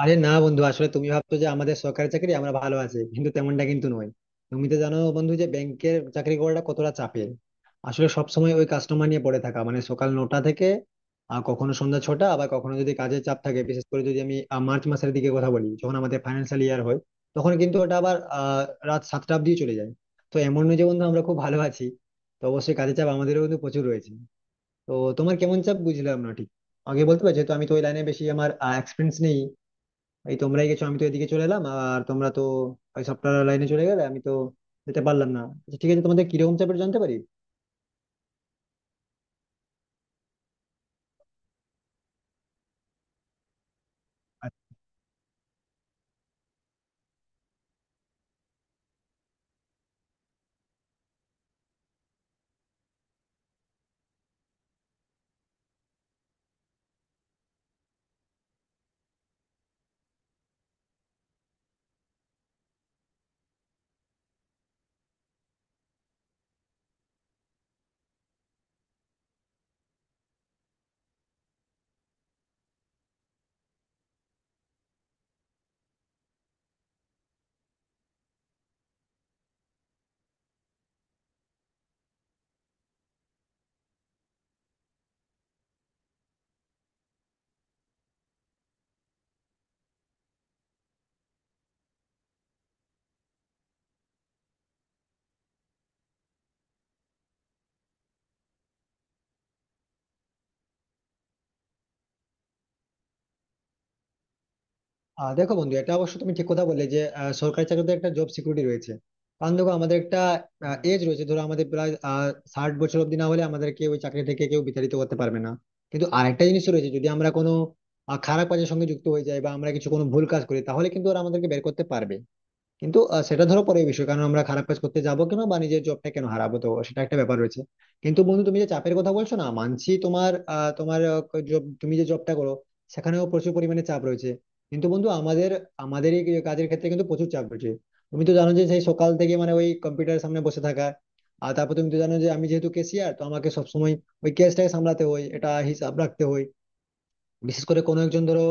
আরে না বন্ধু আসলে তুমি ভাবছো যে আমাদের সরকারি চাকরি আমরা ভালো আছি, কিন্তু তেমনটা কিন্তু নয়। তুমি তো জানো বন্ধু যে ব্যাংকের চাকরি করাটা কতটা চাপের। আসলে সব সময় ওই কাস্টমার নিয়ে পড়ে থাকা, মানে সকাল 9টা থেকে আর কখনো সন্ধ্যা 6টা, আবার কখনো যদি কাজের চাপ থাকে, বিশেষ করে যদি আমি মার্চ মাসের দিকে কথা বলি, যখন আমাদের ফাইন্যান্সিয়াল ইয়ার হয়, তখন কিন্তু ওটা আবার রাত 7টা অব্দি চলে যায়। তো এমন নয় যে বন্ধু আমরা খুব ভালো আছি। তো অবশ্যই কাজের চাপ আমাদেরও কিন্তু প্রচুর রয়েছে। তো তোমার কেমন চাপ বুঝলাম না ঠিক। আগে বলতে পারছি, তো আমি তো ওই লাইনে বেশি আমার এক্সপিরিয়েন্স নেই। এই তোমরাই গেছো, আমি তো এদিকে চলে এলাম আর তোমরা তো ওই সফটওয়্যার লাইনে চলে গেলে, আমি তো যেতে পারলাম না। আচ্ছা ঠিক আছে, তোমাদের কিরকম চাপের জানতে পারি? দেখো বন্ধু, এটা অবশ্য তুমি ঠিক কথা বললে যে সরকারি চাকরিতে একটা জব সিকিউরিটি রয়েছে। কারণ দেখো আমাদের একটা এজ রয়েছে, ধরো আমাদের প্রায় 60 বছর অব্দি না হলে আমাদেরকে ওই চাকরি থেকে কেউ বিতাড়িত করতে পারবে না। কিন্তু আরেকটা জিনিস রয়েছে, যদি আমরা কোনো খারাপ কাজের সঙ্গে যুক্ত হয়ে যাই বা আমরা কিছু কোনো ভুল কাজ করি, তাহলে কিন্তু ওরা আমাদেরকে বের করতে পারবে। কিন্তু সেটা ধরো পরের বিষয়, কারণ আমরা খারাপ কাজ করতে যাবো কেন বা নিজের জবটা কেন হারাবো, তো সেটা একটা ব্যাপার রয়েছে। কিন্তু বন্ধু তুমি যে চাপের কথা বলছো না, মানছি, তোমার তুমি যে জবটা করো সেখানেও প্রচুর পরিমাণে চাপ রয়েছে। কিন্তু বন্ধু আমাদের আমাদের এই কাজের ক্ষেত্রে কিন্তু প্রচুর চাপ রয়েছে। তুমি তো জানো যে সেই সকাল থেকে, মানে ওই কম্পিউটারের সামনে বসে থাকা। আর তারপর তুমি তো জানো যে আমি যেহেতু কেসিয়ার, তো আমাকে সবসময় ওই কেসটাকে সামলাতে হয়, এটা হিসাব রাখতে হয়। বিশেষ করে কোনো একজন ধরো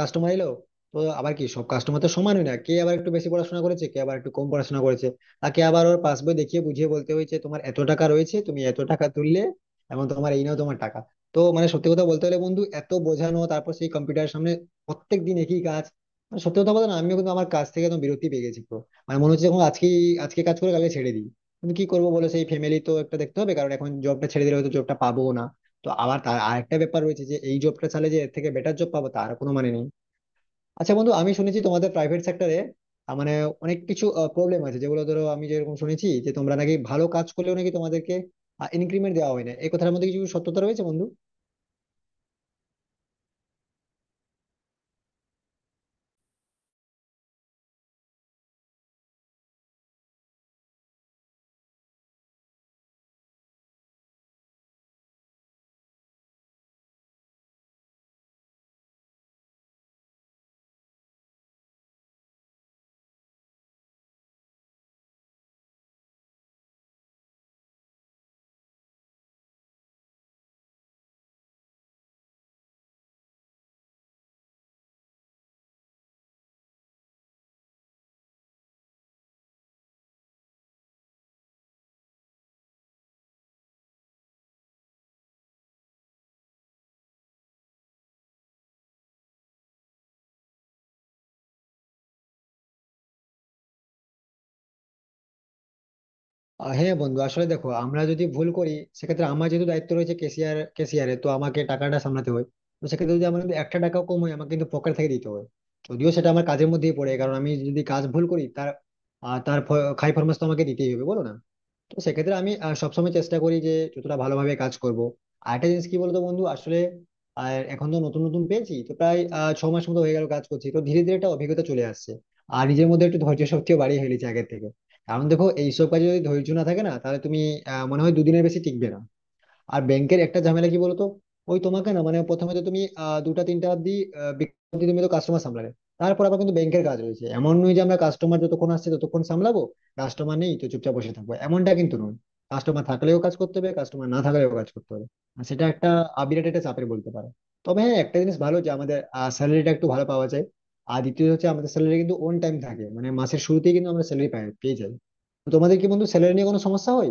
কাস্টমার এলো, তো আবার কি সব কাস্টমার তো সমান হয় না, কে আবার একটু বেশি পড়াশোনা করেছে, কে আবার একটু কম পড়াশোনা করেছে। তাকে আবার ওর পাসবই দেখিয়ে বুঝিয়ে বলতে হয়েছে, তোমার এত টাকা রয়েছে, তুমি এত টাকা তুললে, এবং তোমার এই নাও তোমার টাকা। তো মানে সত্যি কথা বলতে হলে বন্ধু, এত বোঝানো, তারপর সেই কম্পিউটারের সামনে প্রত্যেক দিন একই কাজ। মানে সত্যি কথা বলতে না, আমিও কিন্তু আমার কাজ থেকে একদম বিরতি পেয়ে গেছি পুরো। মানে মনে হচ্ছে, এখন আজকে আজকে কাজ করে কালকে ছেড়ে দিই। কিন্তু কি করবো বলো, সেই ফ্যামিলি তো একটা দেখতে হবে, কারণ এখন জবটা ছেড়ে দিলে হয়তো জবটা পাবো না। তো আবার তার আরেকটা ব্যাপার রয়েছে, যে এই জবটা চালে যে এর থেকে বেটার জব পাবো তার কোনো মানে নেই। আচ্ছা বন্ধু, আমি শুনেছি তোমাদের প্রাইভেট সেক্টরে, মানে অনেক কিছু প্রবলেম আছে, যেগুলো ধরো আমি যেরকম শুনেছি যে তোমরা নাকি ভালো কাজ করলেও নাকি তোমাদেরকে ইনক্রিমেন্ট দেওয়া হয় না, এই কথার মধ্যে কিছু সত্যতা রয়েছে বন্ধু? হ্যাঁ বন্ধু, আসলে দেখো আমরা যদি ভুল করি, সেক্ষেত্রে আমার যেহেতু দায়িত্ব রয়েছে, ক্যাশিয়ার, ক্যাশিয়ারে তো আমাকে টাকাটা সামলাতে হয়। তো সেক্ষেত্রে যদি আমার, যদি একটা টাকাও কম হয়, আমাকে কিন্তু পকেট থেকে দিতে হয়। যদিও সেটা আমার কাজের মধ্যেই পড়ে, কারণ আমি যদি কাজ ভুল করি তার খাই ফরমাস তো আমাকে দিতেই হবে, বলো না। তো সেক্ষেত্রে আমি সবসময় চেষ্টা করি যে যতটা ভালোভাবে কাজ করব। আর একটা জিনিস কি বলতো বন্ধু, আসলে আর এখন তো নতুন নতুন পেয়েছি, তো প্রায় 6 মাস মতো হয়ে গেল কাজ করছি, তো ধীরে ধীরে একটা অভিজ্ঞতা চলে আসছে। আর নিজের মধ্যে একটু ধৈর্য শক্তিও বাড়িয়ে ফেলেছি আগের থেকে। কারণ দেখো এইসব কাজে যদি ধৈর্য না থাকে না, তাহলে তুমি মনে হয় 2 দিনের বেশি টিকবে না। আর ব্যাংকের একটা ঝামেলা কি বলতো, ওই তোমাকে না মানে প্রথমে তো তুমি 2টা 3টা অব্দি, বিকেল অব্দি তুমি তো কাস্টমার সামলাবে। তারপর আবার কিন্তু ব্যাংকের কাজ রয়েছে, এমন নয় যে আমরা কাস্টমার যতক্ষণ আসছে ততক্ষণ সামলাবো। কাস্টমার নেই তো চুপচাপ বসে থাকবো, এমনটা কিন্তু নয়। কাস্টমার থাকলেও কাজ করতে হবে, কাস্টমার না থাকলেও কাজ করতে হবে। আর সেটা একটা বিরাট একটা চাপের বলতে পারো। তবে হ্যাঁ, একটা জিনিস ভালো, যে আমাদের স্যালারিটা একটু ভালো পাওয়া যায়। আর দ্বিতীয় হচ্ছে আমাদের স্যালারি কিন্তু অন টাইম থাকে, মানে মাসের শুরুতেই কিন্তু আমরা স্যালারি পেয়ে যাই। তো তোমাদের কি বন্ধু স্যালারি নিয়ে কোনো সমস্যা হয়?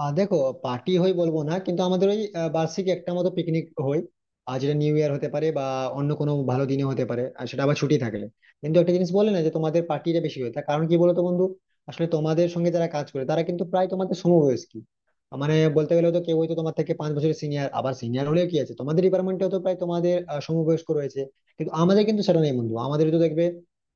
দেখো, পার্টি হয় বলবো না, কিন্তু আমাদের ওই বার্ষিক একটা মতো পিকনিক হয়। আর যেটা নিউ ইয়ার হতে পারে বা অন্য কোনো ভালো দিনে হতে পারে, আর সেটা আবার ছুটি থাকলে। কিন্তু একটা জিনিস বলে না, যে তোমাদের পার্টিটা বেশি হয়, তার কারণ কি বলতো বন্ধু? আসলে তোমাদের সঙ্গে যারা কাজ করে তারা কিন্তু প্রায় তোমাদের সমবয়স্ক। মানে বলতে গেলে তো কেউ হয়তো তোমার থেকে 5 বছরের সিনিয়র, আবার সিনিয়র হলেও কি আছে, তোমাদের ডিপার্টমেন্টে তো প্রায় তোমাদের সমবয়স্ক রয়েছে। কিন্তু আমাদের কিন্তু সেটা নেই বন্ধু, আমাদের তো দেখবে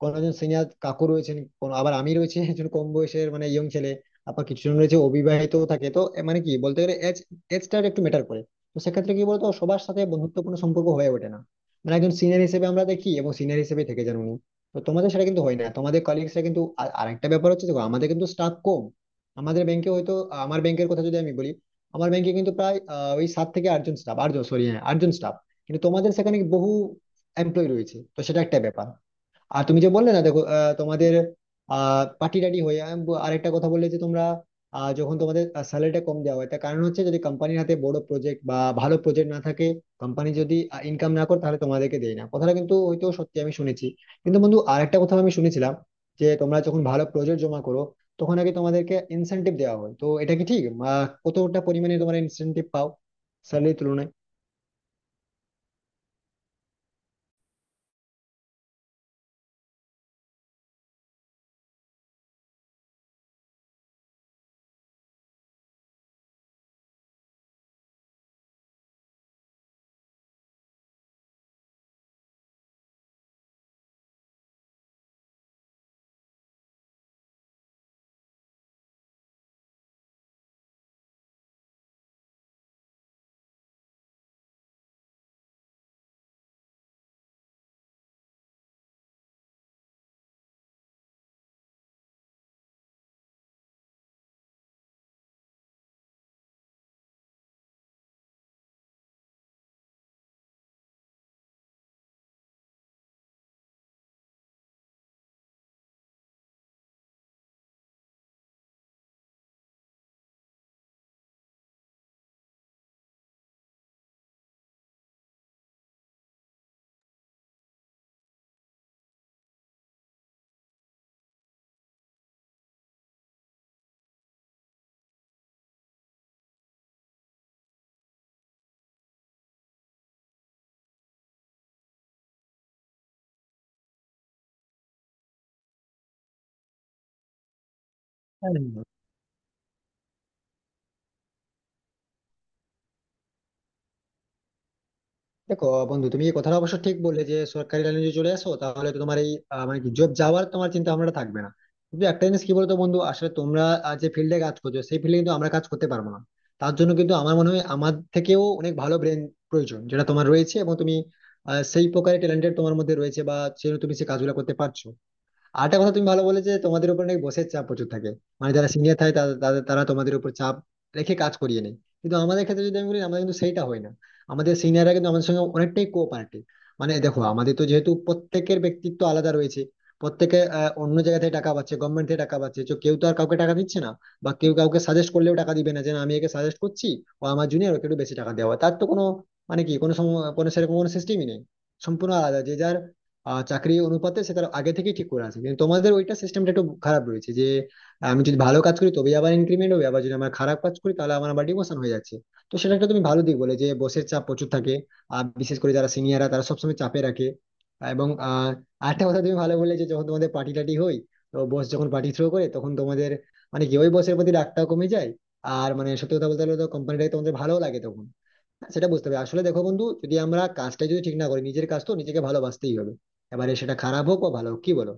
কোনো একজন সিনিয়র কাকু রয়েছেন, কোনো আবার আমি রয়েছে একজন কম বয়সের মানে ইয়ং ছেলে। আবার কিছুজন রয়েছে অবিবাহিত থাকে, তো এ মানে কি বলতে গেলে এজটা একটু ম্যাটার করে। তো সেক্ষেত্রে কি বলতো সবার সাথে বন্ধুত্বপূর্ণ সম্পর্ক হয়ে ওঠে না। মানে একজন সিনিয়র হিসেবে আমরা দেখি, এবং সিনিয়র হিসেবে থেকে যান উনি। তো তোমাদের সেটা কিন্তু হয় না, তোমাদের কলিগসরা কিন্তু, আর আরেকটা ব্যাপার হচ্ছে, দেখো আমাদের কিন্তু স্টাফ কম। আমাদের ব্যাংকে হয়তো, আমার ব্যাংকের কথা যদি আমি বলি, আমার ব্যাংকে কিন্তু প্রায় ওই 7 থেকে 8 জন স্টাফ, 8 জন সরি, হ্যাঁ 8 জন স্টাফ। কিন্তু তোমাদের সেখানে বহু এমপ্লয়ি রয়েছে, তো সেটা একটা ব্যাপার। আর তুমি যে বললে না, দেখো তোমাদের পার্টি টাটি হয়ে, আমি আরেকটা কথা বললে যে তোমরা যখন তোমাদের স্যালারিটা কম দেওয়া হয়, তার কারণ হচ্ছে যদি কোম্পানির হাতে বড় প্রজেক্ট বা ভালো প্রজেক্ট না থাকে। কোম্পানি যদি ইনকাম না করে, তাহলে তোমাদেরকে দেয় না, কথাটা কিন্তু হয়তো সত্যি, আমি শুনেছি। কিন্তু বন্ধু আরেকটা কথা আমি শুনেছিলাম, যে তোমরা যখন ভালো প্রজেক্ট জমা করো, তখন আগে তোমাদেরকে ইনসেনটিভ দেওয়া হয়, তো এটা কি ঠিক? কতটা পরিমাণে তোমরা ইনসেনটিভ পাও স্যালারির তুলনায়? দেখো বন্ধু তুমি এই কথাটা অবশ্য ঠিক বললে, যে সরকারি লাইনে যদি চলে আসো, তাহলে তো তোমার এই মানে কি জব যাওয়ার তোমার চিন্তা ভাবনাটা থাকবে না। কিন্তু একটা জিনিস কি বলতো বন্ধু, আসলে তোমরা যে ফিল্ডে কাজ করছো সেই ফিল্ডে কিন্তু আমরা কাজ করতে পারবো না। তার জন্য কিন্তু আমার মনে হয় আমার থেকেও অনেক ভালো ব্রেন প্রয়োজন, যেটা তোমার রয়েছে, এবং তুমি সেই প্রকারের ট্যালেন্টেড তোমার মধ্যে রয়েছে, বা সেই তুমি সেই কাজগুলো করতে পারছো। আর একটা কথা তুমি ভালো বলে, যে তোমাদের উপর নাকি বসের চাপ প্রচুর থাকে, মানে যারা সিনিয়র থাকে তাদের তাদের- তারা তোমাদের উপর চাপ রেখে কাজ করিয়ে নেয়। কিন্তু আমাদের ক্ষেত্রে যদি আমি বলি, আমাদের কিন্তু সেইটা হয় না, আমাদের সিনিয়ররা কিন্তু আমাদের সঙ্গে অনেকটাই কোঅপারেটিভ। মানে দেখো আমাদের তো যেহেতু প্রত্যেকের ব্যক্তিত্ব আলাদা রয়েছে। প্রত্যেকে অন্য জায়গা থেকে টাকা পাচ্ছে, গভর্নমেন্ট থেকে টাকা পাচ্ছে, তো কেউ তো আর কাউকে টাকা দিচ্ছে না। বা কেউ কাউকে সাজেস্ট করলেও টাকা দিবে না, যে না, আমি একে সাজেস্ট করছি, ও আমার জুনিয়র, ওকে একটু বেশি টাকা দেওয়া, তার তো কোনো মানে কি, কোনো কোনো সেরকম কোনো সিস্টেমই নেই। সম্পূর্ণ আলাদা, যে যার চাকরি অনুপাতে সে তার আগে থেকে ঠিক করে আছে। কিন্তু তোমাদের ওইটা সিস্টেমটা একটু খারাপ রয়েছে, যে আমি যদি ভালো কাজ করি তবেই আবার ইনক্রিমেন্ট হবে, আবার যদি আমার খারাপ কাজ করি তাহলে আমার আবার ডিমোশন হয়ে যাচ্ছে। তো সেটা একটা তুমি ভালো দিক বলে যে বসের চাপ প্রচুর থাকে, আর বিশেষ করে যারা সিনিয়ররা তারা সবসময় চাপে রাখে। এবং আরেকটা কথা তুমি ভালো বলে যে যখন তোমাদের পার্টি টাটি হয়, তো বস যখন পার্টি থ্রো করে, তখন তোমাদের মানে কি ওই বসের প্রতি রাগটাও কমে যায়। আর মানে সত্যি কথা বলতে গেলে তো কোম্পানিটাকে তোমাদের ভালো লাগে তখন। সেটা বুঝতে হবে, আসলে দেখো বন্ধু, যদি আমরা কাজটা যদি ঠিক না করি, নিজের কাজ তো নিজেকে ভালোবাসতেই হবে। এবারে সেটা খারাপ হোক বা ভালো হোক, কি বলো?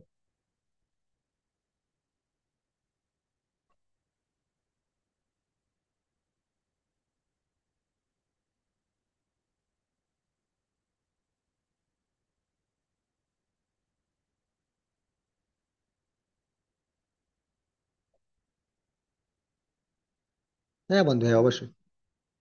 হ্যাঁ বন্ধু, হ্যাঁ অবশ্যই।